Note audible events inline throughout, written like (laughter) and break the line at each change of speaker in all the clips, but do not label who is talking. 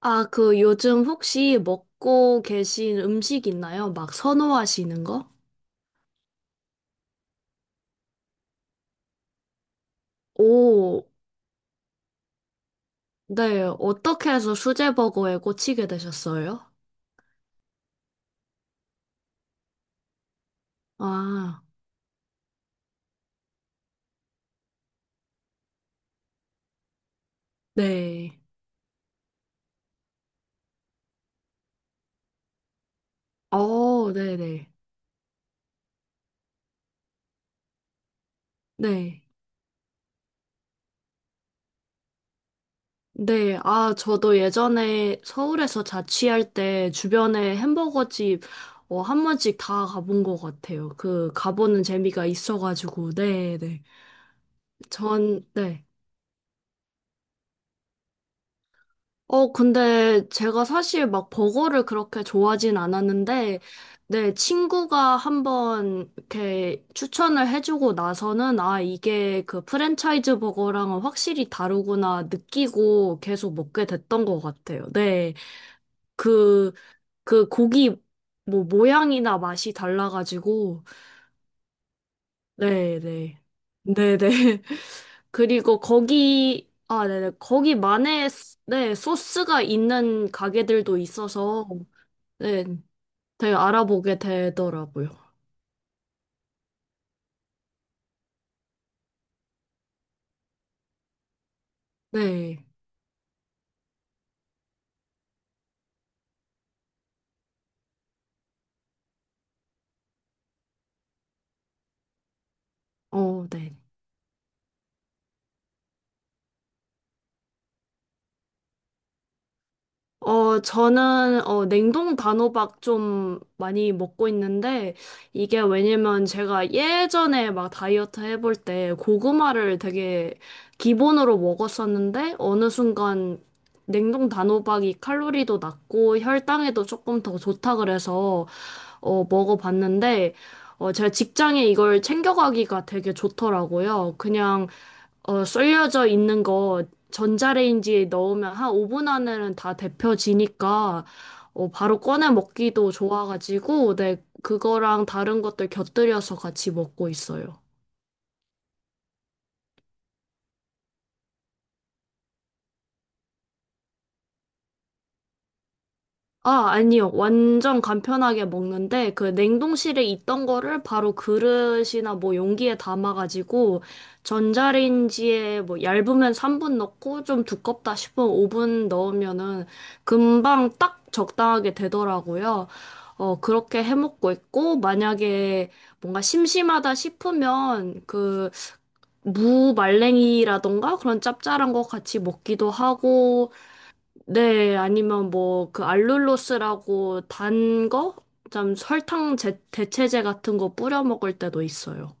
아, 그 요즘 혹시 먹고 계신 음식 있나요? 막 선호하시는 거? 오, 네. 어떻게 해서 수제버거에 꽂히게 되셨어요? 아, 네. 네네. 네. 네. 아, 저도 예전에 서울에서 자취할 때 주변에 햄버거 집, 한 번씩 다 가본 것 같아요. 가보는 재미가 있어가지고, 네네. 전, 네. 근데 제가 사실 막 버거를 그렇게 좋아하진 않았는데, 네, 친구가 한번 이렇게 추천을 해주고 나서는, 이게 그 프랜차이즈 버거랑은 확실히 다르구나 느끼고 계속 먹게 됐던 것 같아요. 네, 그, 그 고기 뭐 모양이나 맛이 달라가지고, 네네. 네네. (laughs) 그리고 거기, 아, 네네. 거기만의, 네, 소스가 있는 가게들도 있어서, 네, 되게 알아보게 되더라고요. 네. 네. 저는, 냉동 단호박 좀 많이 먹고 있는데, 이게 왜냐면 제가 예전에 막 다이어트 해볼 때 고구마를 되게 기본으로 먹었었는데, 어느 순간 냉동 단호박이 칼로리도 낮고 혈당에도 조금 더 좋다 그래서, 먹어봤는데, 제가 직장에 이걸 챙겨가기가 되게 좋더라고요. 그냥 썰려져 있는 거 전자레인지에 넣으면 한 5분 안에는 다 데펴지니까 바로 꺼내 먹기도 좋아가지고 네, 그거랑 다른 것들 곁들여서 같이 먹고 있어요. 아니요. 완전 간편하게 먹는데, 그 냉동실에 있던 거를 바로 그릇이나 뭐 용기에 담아가지고, 전자레인지에 뭐 얇으면 3분 넣고, 좀 두껍다 싶으면 5분 넣으면은 금방 딱 적당하게 되더라고요. 그렇게 해 먹고 있고, 만약에 뭔가 심심하다 싶으면, 무 말랭이라던가 그런 짭짤한 거 같이 먹기도 하고, 네, 아니면 뭐 그 알룰로스라고 단 거? 좀 설탕 대체제 같은 거 뿌려 먹을 때도 있어요.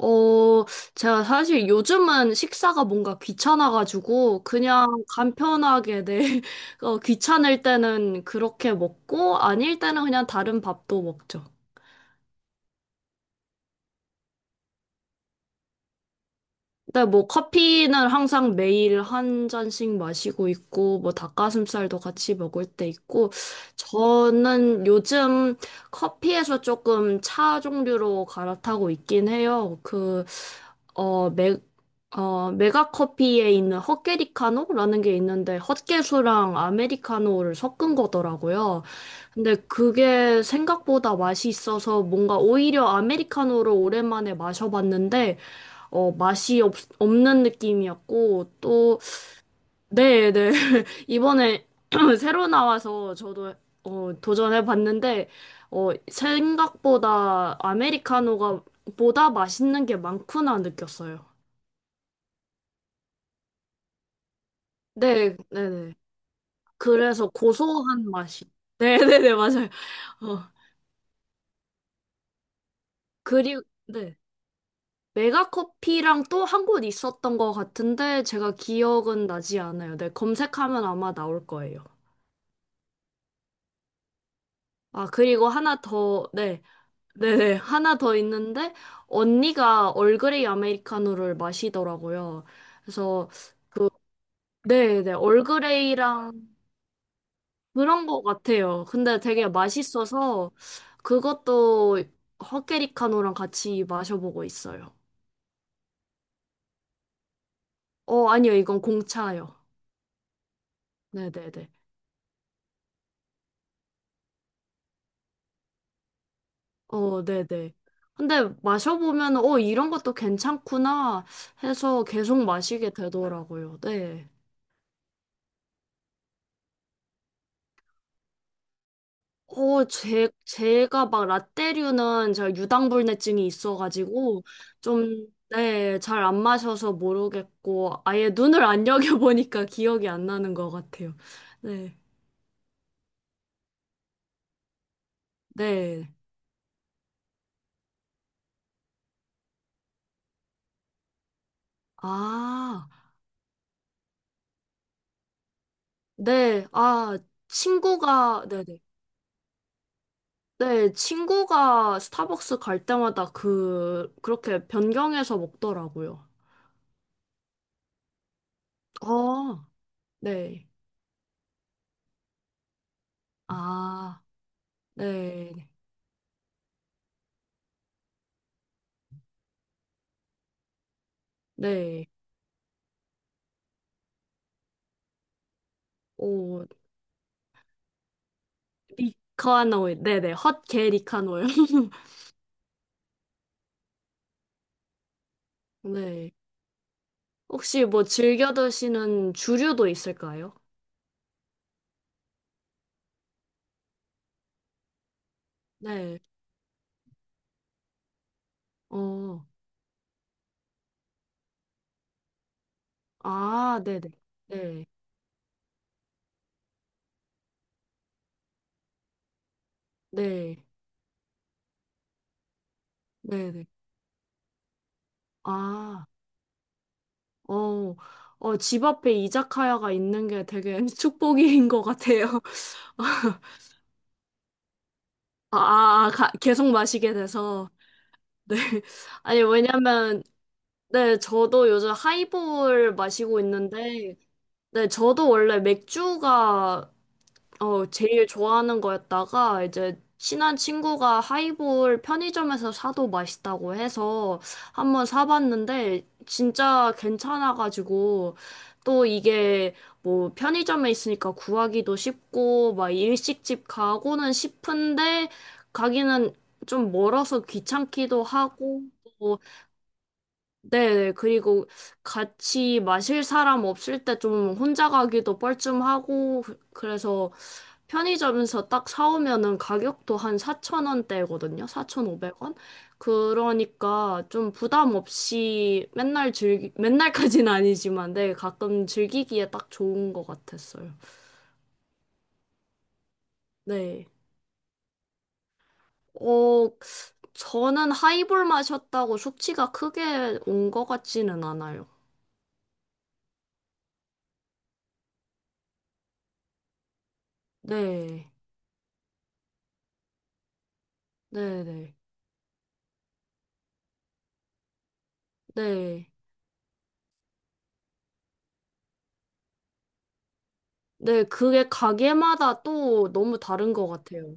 어, 제가 사실 요즘은 식사가 뭔가 귀찮아가지고 그냥 간편하게 네, (laughs) 귀찮을 때는 그렇게 먹고 아닐 때는 그냥 다른 밥도 먹죠. 근데 뭐 커피는 항상 매일 한 잔씩 마시고 있고 뭐 닭가슴살도 같이 먹을 때 있고 저는 요즘 커피에서 조금 차 종류로 갈아타고 있긴 해요. 어, 메, 메가 커피에 있는 헛개리카노라는 게 있는데 헛개수랑 아메리카노를 섞은 거더라고요. 근데 그게 생각보다 맛이 있어서 뭔가 오히려 아메리카노를 오랜만에 마셔봤는데 맛이 없는 느낌이었고, 또, 네, 네. (laughs) 이번에 (clears throat) 새로 나와서 저도 도전해봤는데, 생각보다 아메리카노가 보다 맛있는 게 많구나 느꼈어요. 네, 네, 네. 그래서 고소한 맛이. 네, (laughs) 네, 네, 맞아요. 어, 그리고, 네. 메가커피랑 또 한 곳 있었던 것 같은데, 제가 기억은 나지 않아요. 네, 검색하면 아마 나올 거예요. 아, 그리고 하나 더, 네. 네네, 하나 더 있는데, 언니가 얼그레이 아메리카노를 마시더라고요. 그래서, 네네, 얼그레이랑 그런 것 같아요. 근데 되게 맛있어서, 그것도 헛개리카노랑 같이 마셔보고 있어요. 아니요, 이건 공차요. 네네네. 네네. 근데 마셔보면, 이런 것도 괜찮구나 해서 계속 마시게 되더라고요. 네. 제가 막 라떼류는 제가 유당불내증이 있어가지고, 좀, 네, 잘 안 마셔서 모르겠고, 아예 눈을 안 여겨보니까 (laughs) 기억이 안 나는 것 같아요. 네, 네. 아, 네, 아, 친구가, 네네. 네, 네, 친구가 스타벅스 갈 때마다 그렇게 변경해서 먹더라고요. 어, 네. 아, 네, 네. 오, 리카노일. 네네. 헛게 리카노일. (laughs) 네. 혹시 뭐 즐겨 드시는 주류도 있을까요? 네. 어. 아, 네네. 네. 네. 네네. 아, 어. 집 앞에 이자카야가 있는 게 되게 (laughs) 축복인 것 같아요. (laughs) 아, 아, 계속 마시게 돼서. 네. (laughs) 아니, 왜냐면, 네, 저도 요즘 하이볼 마시고 있는데, 네, 저도 원래 맥주가 제일 좋아하는 거였다가 이제 친한 친구가 하이볼 편의점에서 사도 맛있다고 해서 한 번 사봤는데 진짜 괜찮아가지고 또 이게 뭐 편의점에 있으니까 구하기도 쉽고 막 일식집 가고는 싶은데 가기는 좀 멀어서 귀찮기도 하고 또 네, 네. 그리고 같이 마실 사람 없을 때 좀 혼자 가기도 뻘쭘하고 그래서 편의점에서 딱 사오면은 가격도 한 4,000원대거든요. 4,500원? 그러니까 좀 부담 없이 맨날까지는 (laughs) 아니지만, 네, 가끔 즐기기에 딱 좋은 것 같았어요. 네. 어, 저는 하이볼 마셨다고 숙취가 크게 온 것 같지는 않아요. 네. 네네. 네. 네, 네, 그게 가게마다 또 너무 다른 것 같아요.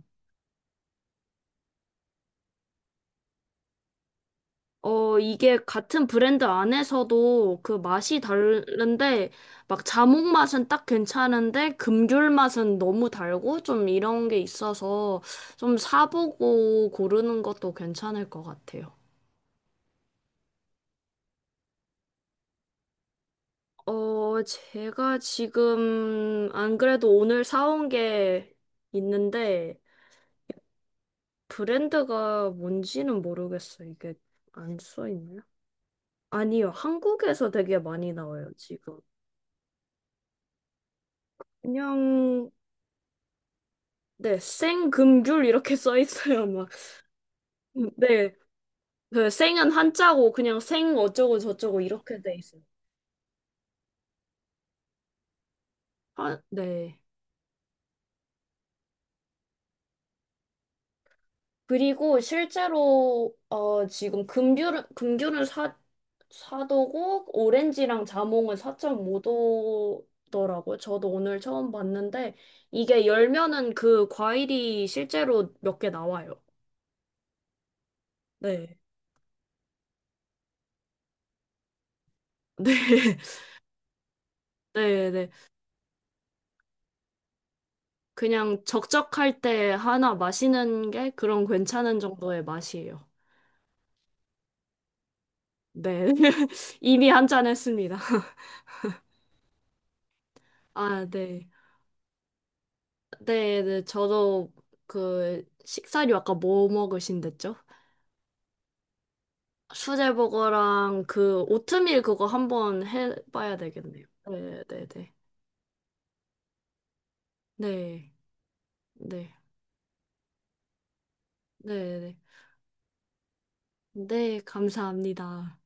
이게 같은 브랜드 안에서도 그 맛이 다른데, 막 자몽 맛은 딱 괜찮은데, 금귤 맛은 너무 달고, 좀 이런 게 있어서 좀 사보고 고르는 것도 괜찮을 것 같아요. 제가 지금 안 그래도 오늘 사온 게 있는데, 브랜드가 뭔지는 모르겠어요. 이게 안 써 있나요? 아니요, 한국에서 되게 많이 나와요, 지금. 그냥 네, 생금귤 이렇게 (laughs) 써 있어요, 막. 네, 그 생은 한자고 그냥 생 어쩌고 저쩌고 이렇게 돼 있어요. 아, 네. 그리고 실제로 지금 금귤은 사 4도고 오렌지랑 자몽은 4.5도더라고요. 저도 오늘 처음 봤는데 이게 열면은 그 과일이 실제로 몇 개 나와요. 네. (laughs) 네. 네, 네. 그냥 적적할 때 하나 마시는 게 그런 괜찮은 정도의 맛이에요. 네. (laughs) 이미 한 잔 했습니다. (laughs) 아, 네. 네, 네. 저도 그 식사류 아까 뭐 먹으신댔죠? 수제버거랑 그 오트밀 그거 한번 해봐야 되겠네요. 네, 네, 네. 네, 네, 네. 네, 네. 네, 감사합니다.